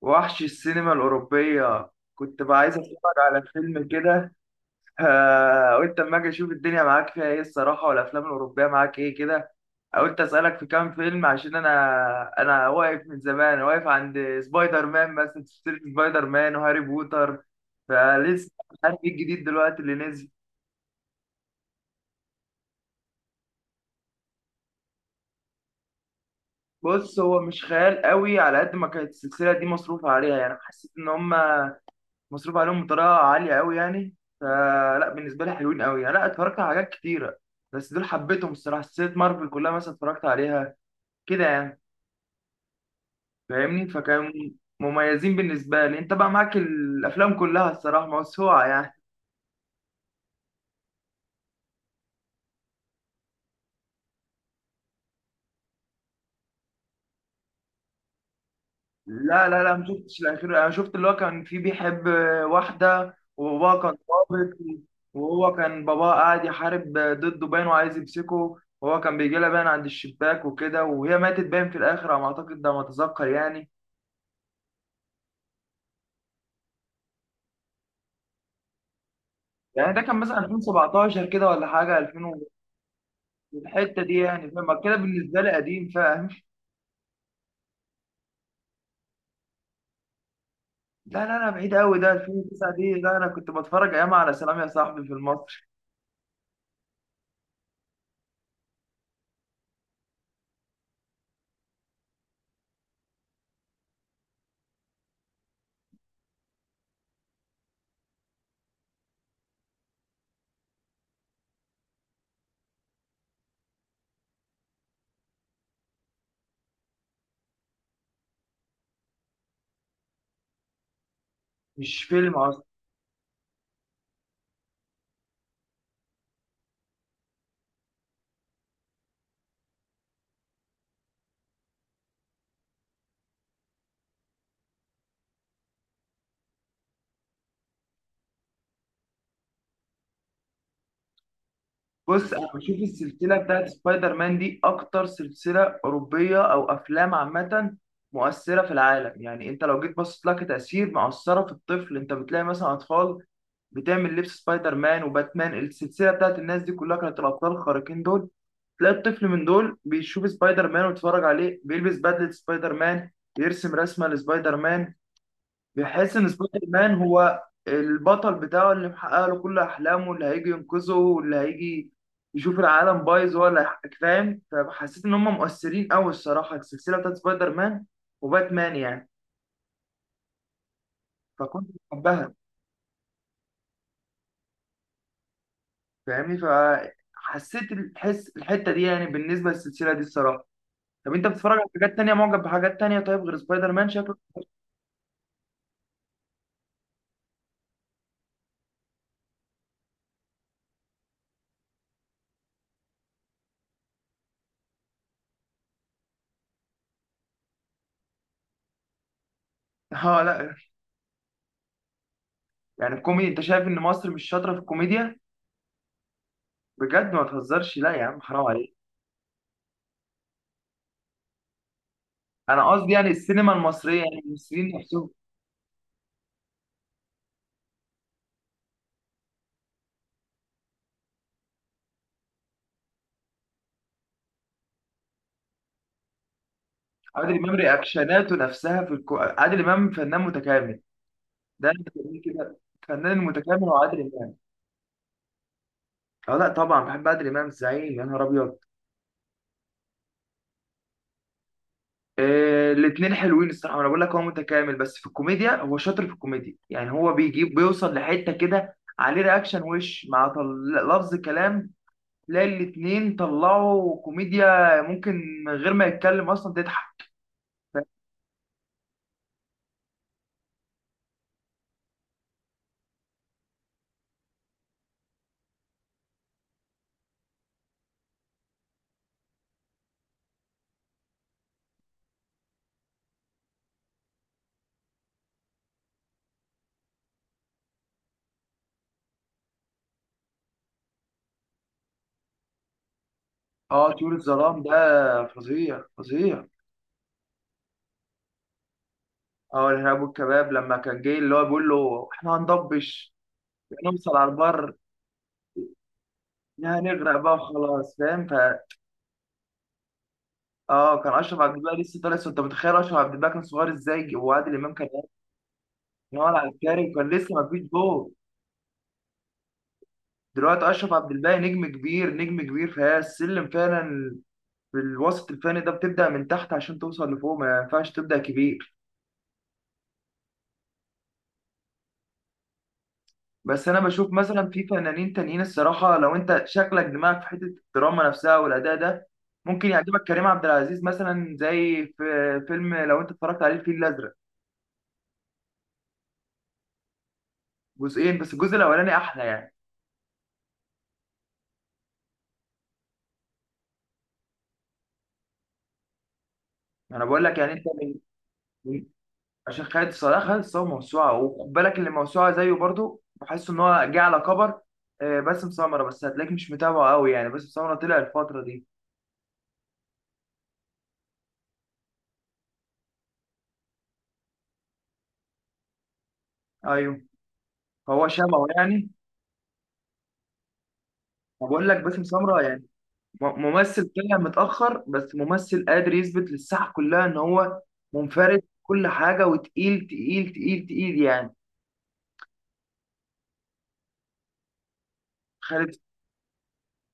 وحش السينما الأوروبية، كنت بقى عايز أتفرج على فيلم كده. آه، قلت أما أجي أشوف الدنيا معاك فيها إيه الصراحة، والأفلام الأوروبية معاك إيه كده. قلت أسألك في كام فيلم عشان أنا أنا واقف من زمان، واقف عند سبايدر مان مثلا، سلسلة سبايدر مان وهاري بوتر، فلسه مش عارف إيه الجديد دلوقتي اللي نزل. بص، هو مش خيال قوي، على قد ما كانت السلسلة دي مصروف عليها، يعني حسيت إن هما مصروف عليهم بطريقه عاليه قوي يعني. فلا بالنسبه لي حلوين قوي يعني، لا اتفرجت على حاجات كتيره بس دول حبيتهم الصراحه. سلسله مارفل كلها مثلا اتفرجت عليها كده يعني، فاهمني؟ فكانوا مميزين بالنسبه لي. انت بقى معاك الافلام كلها الصراحه، موسوعه يعني. لا لا لا، ما شفتش الاخير، انا شفت اللي هو كان فيه بيحب واحده وباباه كان ضابط، وهو كان باباه قاعد يحارب ضده باين، وعايز يمسكه، وهو كان بيجي لها باين عند الشباك وكده، وهي ماتت باين في الاخر على ما اعتقد، ده ما اتذكر يعني. يعني ده كان مثلا 2017 كده ولا حاجه، 2000 والحته دي، يعني فاهم كده بالنسبه لي قديم، فاهم؟ لا لا لا، بعيد قوي ده 2009 دي، لا انا كنت بتفرج ايام على سلام يا صاحبي في المصري. مش فيلم اصلا. بص، انا بشوف السلسله بتاعت سبايدر مان دي اكتر سلسله اوروبيه او افلام عامه مؤثره في العالم، يعني انت لو جيت بصيت لها كتاثير مؤثره في الطفل، انت بتلاقي مثلا اطفال بتعمل لبس سبايدر مان وباتمان. السلسله بتاعت الناس دي كلها كانت الابطال الخارقين دول، تلاقي الطفل من دول بيشوف سبايدر مان ويتفرج عليه، بيلبس بدلة سبايدر مان، بيرسم رسمة لسبايدر مان، بيحس إن سبايدر مان هو البطل بتاعه اللي محقق له كل أحلامه، اللي هيجي ينقذه، واللي هيجي يشوف العالم بايظ هو اللي هيحقق، فاهم؟ فحسيت إن هم مؤثرين أوي الصراحة، السلسلة بتاعت سبايدر مان وباتمان يعني، فكنت بحبها، فاهمني؟ فحسيت الحس، الحتة دي يعني بالنسبة للسلسلة دي الصراحة. طب انت بتتفرج على حاجات تانية؟ معجب بحاجات تانية طيب غير سبايدر مان شكله؟ اه، لا يعني الكوميدي، انت شايف ان مصر مش شاطره في الكوميديا؟ بجد ما تهزرش، لا يا عم، حرام عليك. انا قصدي يعني السينما المصريه، يعني المصريين نفسهم. عادل امام رياكشناته نفسها في عادل امام فنان متكامل، ده اللي بيسميه كده فنان متكامل، هو عادل امام. اه لا طبعا بحب عادل امام، الزعيم، يا نهار ابيض. إيه، الاثنين حلوين الصراحه، انا بقول لك هو متكامل، بس في الكوميديا هو شاطر، في الكوميديا يعني هو بيجيب، بيوصل لحته كده عليه رياكشن وش، مع لفظ كلام تلاقي الاتنين طلعوا كوميديا، ممكن من غير ما يتكلم اصلا تضحك. اه، طيور الظلام ده فظيع فظيع. اه الارهاب والكباب، لما كان جاي اللي هو بيقول له احنا هنضبش نوصل على البر، هنغرق بقى وخلاص، فاهم؟ اه، كان اشرف عبد الباقي لسه طالع، انت متخيل اشرف عبد الباقي كان صغير ازاي، وعادل امام كان كان على الكاري وكان لسه ما فيش جول. دلوقتي اشرف عبد الباقي نجم كبير، نجم كبير، فهي السلم فعلا. الوسط الفني ده بتبدأ من تحت عشان توصل لفوق، ما ينفعش تبدأ كبير. بس أنا بشوف مثلا في فنانين تانيين الصراحة، لو أنت شكلك دماغك في حتة الدراما نفسها والأداء ده، ممكن يعجبك كريم عبد العزيز مثلا، زي في فيلم لو أنت اتفرجت عليه الفيل الأزرق. جزئين، بس الجزء الأولاني أحلى يعني. أنا بقول لك يعني أنت من عشان خالد صلاح. خالد صلاح موسوعة، وخد بالك اللي موسوعة زيه برضو، بحس إن هو جه على كبر. باسم سمرة، بس هتلاقيك مش متابعه قوي يعني، باسم سمرة طلع الفترة دي. أيوه، هو شبهه يعني. بقول لك باسم سمرة يعني ممثل طلع متأخر، بس ممثل قادر يثبت للساحة كلها إن هو منفرد في كل حاجة، وتقيل تقيل تقيل تقيل يعني. خالد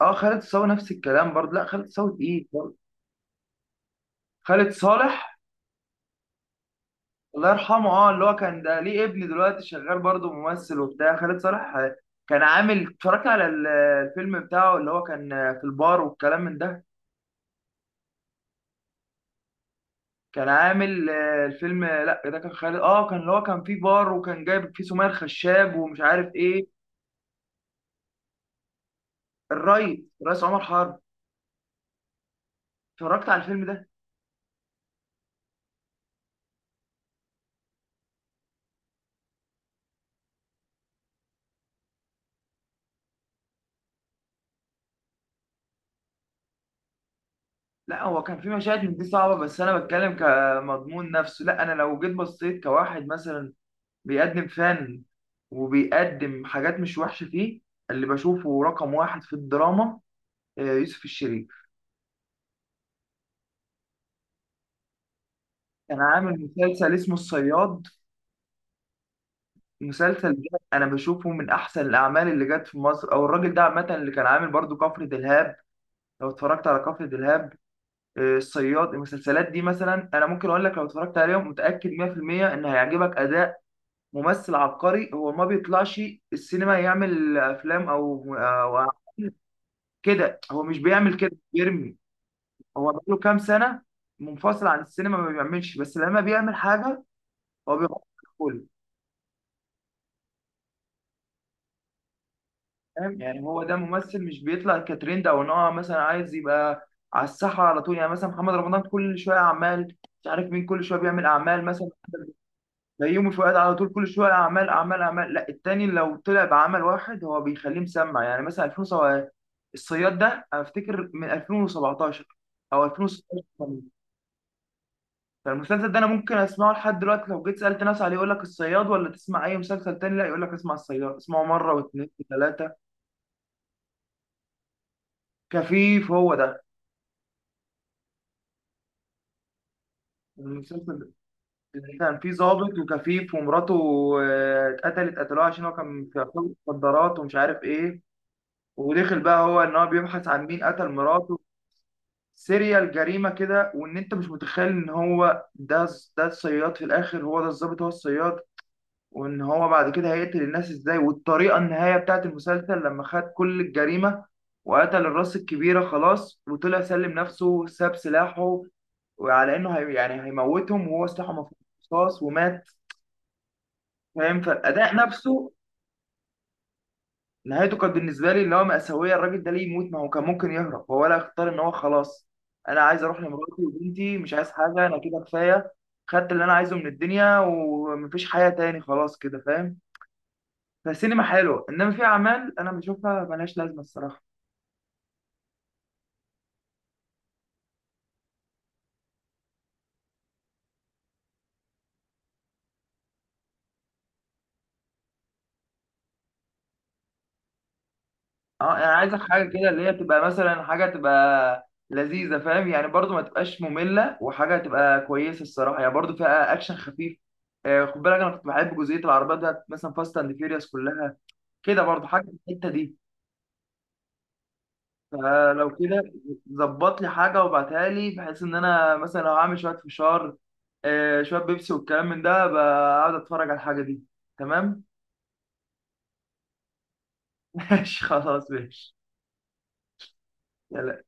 اه خالد صاوي نفس الكلام برضه، لا خالد صاوي تقيل برضه. خالد صالح الله يرحمه، اه اللي هو كان ده ليه ابن دلوقتي شغال برضه ممثل وبتاع، خالد صالح كان عامل، اتفرجت على الفيلم بتاعه اللي هو كان في البار والكلام من ده. كان عامل الفيلم، لا ده كان خالد، اه كان اللي هو كان فيه بار وكان جايب فيه سمية الخشاب، ومش عارف ايه. الريس، الريس عمر حرب. اتفرجت على الفيلم ده؟ لا هو كان فيه مشاهد من دي صعبة، بس انا بتكلم كمضمون نفسه، لا انا لو جيت بصيت كواحد مثلا بيقدم فن وبيقدم حاجات مش وحشة فيه. اللي بشوفه رقم واحد في الدراما يوسف الشريف، كان عامل مسلسل اسمه الصياد. مسلسل ده انا بشوفه من احسن الاعمال اللي جت في مصر، او الراجل ده عامه اللي كان عامل برضو كفر دلهاب. لو اتفرجت على كفر دلهاب الصياد، المسلسلات دي مثلا انا ممكن اقول لك لو اتفرجت عليهم متاكد 100% ان هيعجبك اداء. ممثل عبقري، هو ما بيطلعش السينما يعمل افلام او أو كده، هو مش بيعمل كده، بيرمي. هو بقاله كام سنه منفصل عن السينما، ما بيعملش، بس لما بيعمل حاجه هو بيغطي، فاهم؟ يعني هو ده ممثل، مش بيطلع كترند او ان هو مثلا عايز يبقى على الساحه على طول، يعني مثلا محمد رمضان كل شويه اعمال، مش عارف مين كل شويه بيعمل اعمال مثلا، بيومي فؤاد على طول كل شويه اعمال اعمال اعمال. لا التاني لو طلع بعمل واحد هو بيخليه مسمع، يعني مثلا 2007 الصياد ده، افتكر من 2017 او 2016 كمان. فالمسلسل ده انا ممكن اسمعه لحد دلوقتي، لو جيت سالت ناس عليه يقول لك الصياد، ولا تسمع اي مسلسل تاني، لا يقول لك اسمع الصياد، اسمعه مره واثنين وثلاثه. كفيف، هو ده المسلسل. كان في ضابط وكفيف ومراته اتقتلت، قتلوها عشان هو كان في عصابة مخدرات ومش عارف ايه، ودخل بقى هو ان هو بيبحث عن مين قتل مراته، سيريال جريمة كده، وان انت مش متخيل ان هو ده، ده الصياد في الاخر، هو ده الضابط، هو الصياد. وان هو بعد كده هيقتل الناس ازاي، والطريقة النهاية بتاعت المسلسل لما خد كل الجريمة وقتل الراس الكبيرة خلاص، وطلع سلم نفسه، ساب سلاحه، وعلى انه هي يعني هيموتهم، وهو سلاحه مفروض رصاص، ومات، فاهم؟ فالاداء نفسه. نهايته كانت بالنسبه لي اللي هو مأساويه، الراجل ده ليه يموت؟ ما هو كان ممكن يهرب، هو لا اختار ان هو خلاص، انا عايز اروح لمراتي وبنتي، مش عايز حاجه، انا كده كفايه، خدت اللي انا عايزه من الدنيا، ومفيش حياه تاني خلاص كده، فاهم؟ فالسينما حلوه، انما في اعمال انا بشوفها ملهاش لازمه الصراحه. اه يعني عايزك حاجه كده اللي هي تبقى مثلا حاجه تبقى لذيذه، فاهم يعني؟ برضو ما تبقاش ممله، وحاجه تبقى كويسه الصراحه، يعني برضو فيها اكشن خفيف. خد بالك انا كنت بحب جزئيه العربيات بتاعت مثلا فاست اند فيوريوس كلها كده، برضو حاجه في الحته دي. فلو كده ظبط لي حاجه وابعتها لي، بحيث ان انا مثلا لو هعمل شويه فشار شويه بيبسي والكلام من ده، بقعد اتفرج على الحاجه دي. تمام. ماشي خلاص، ماشي. يلا.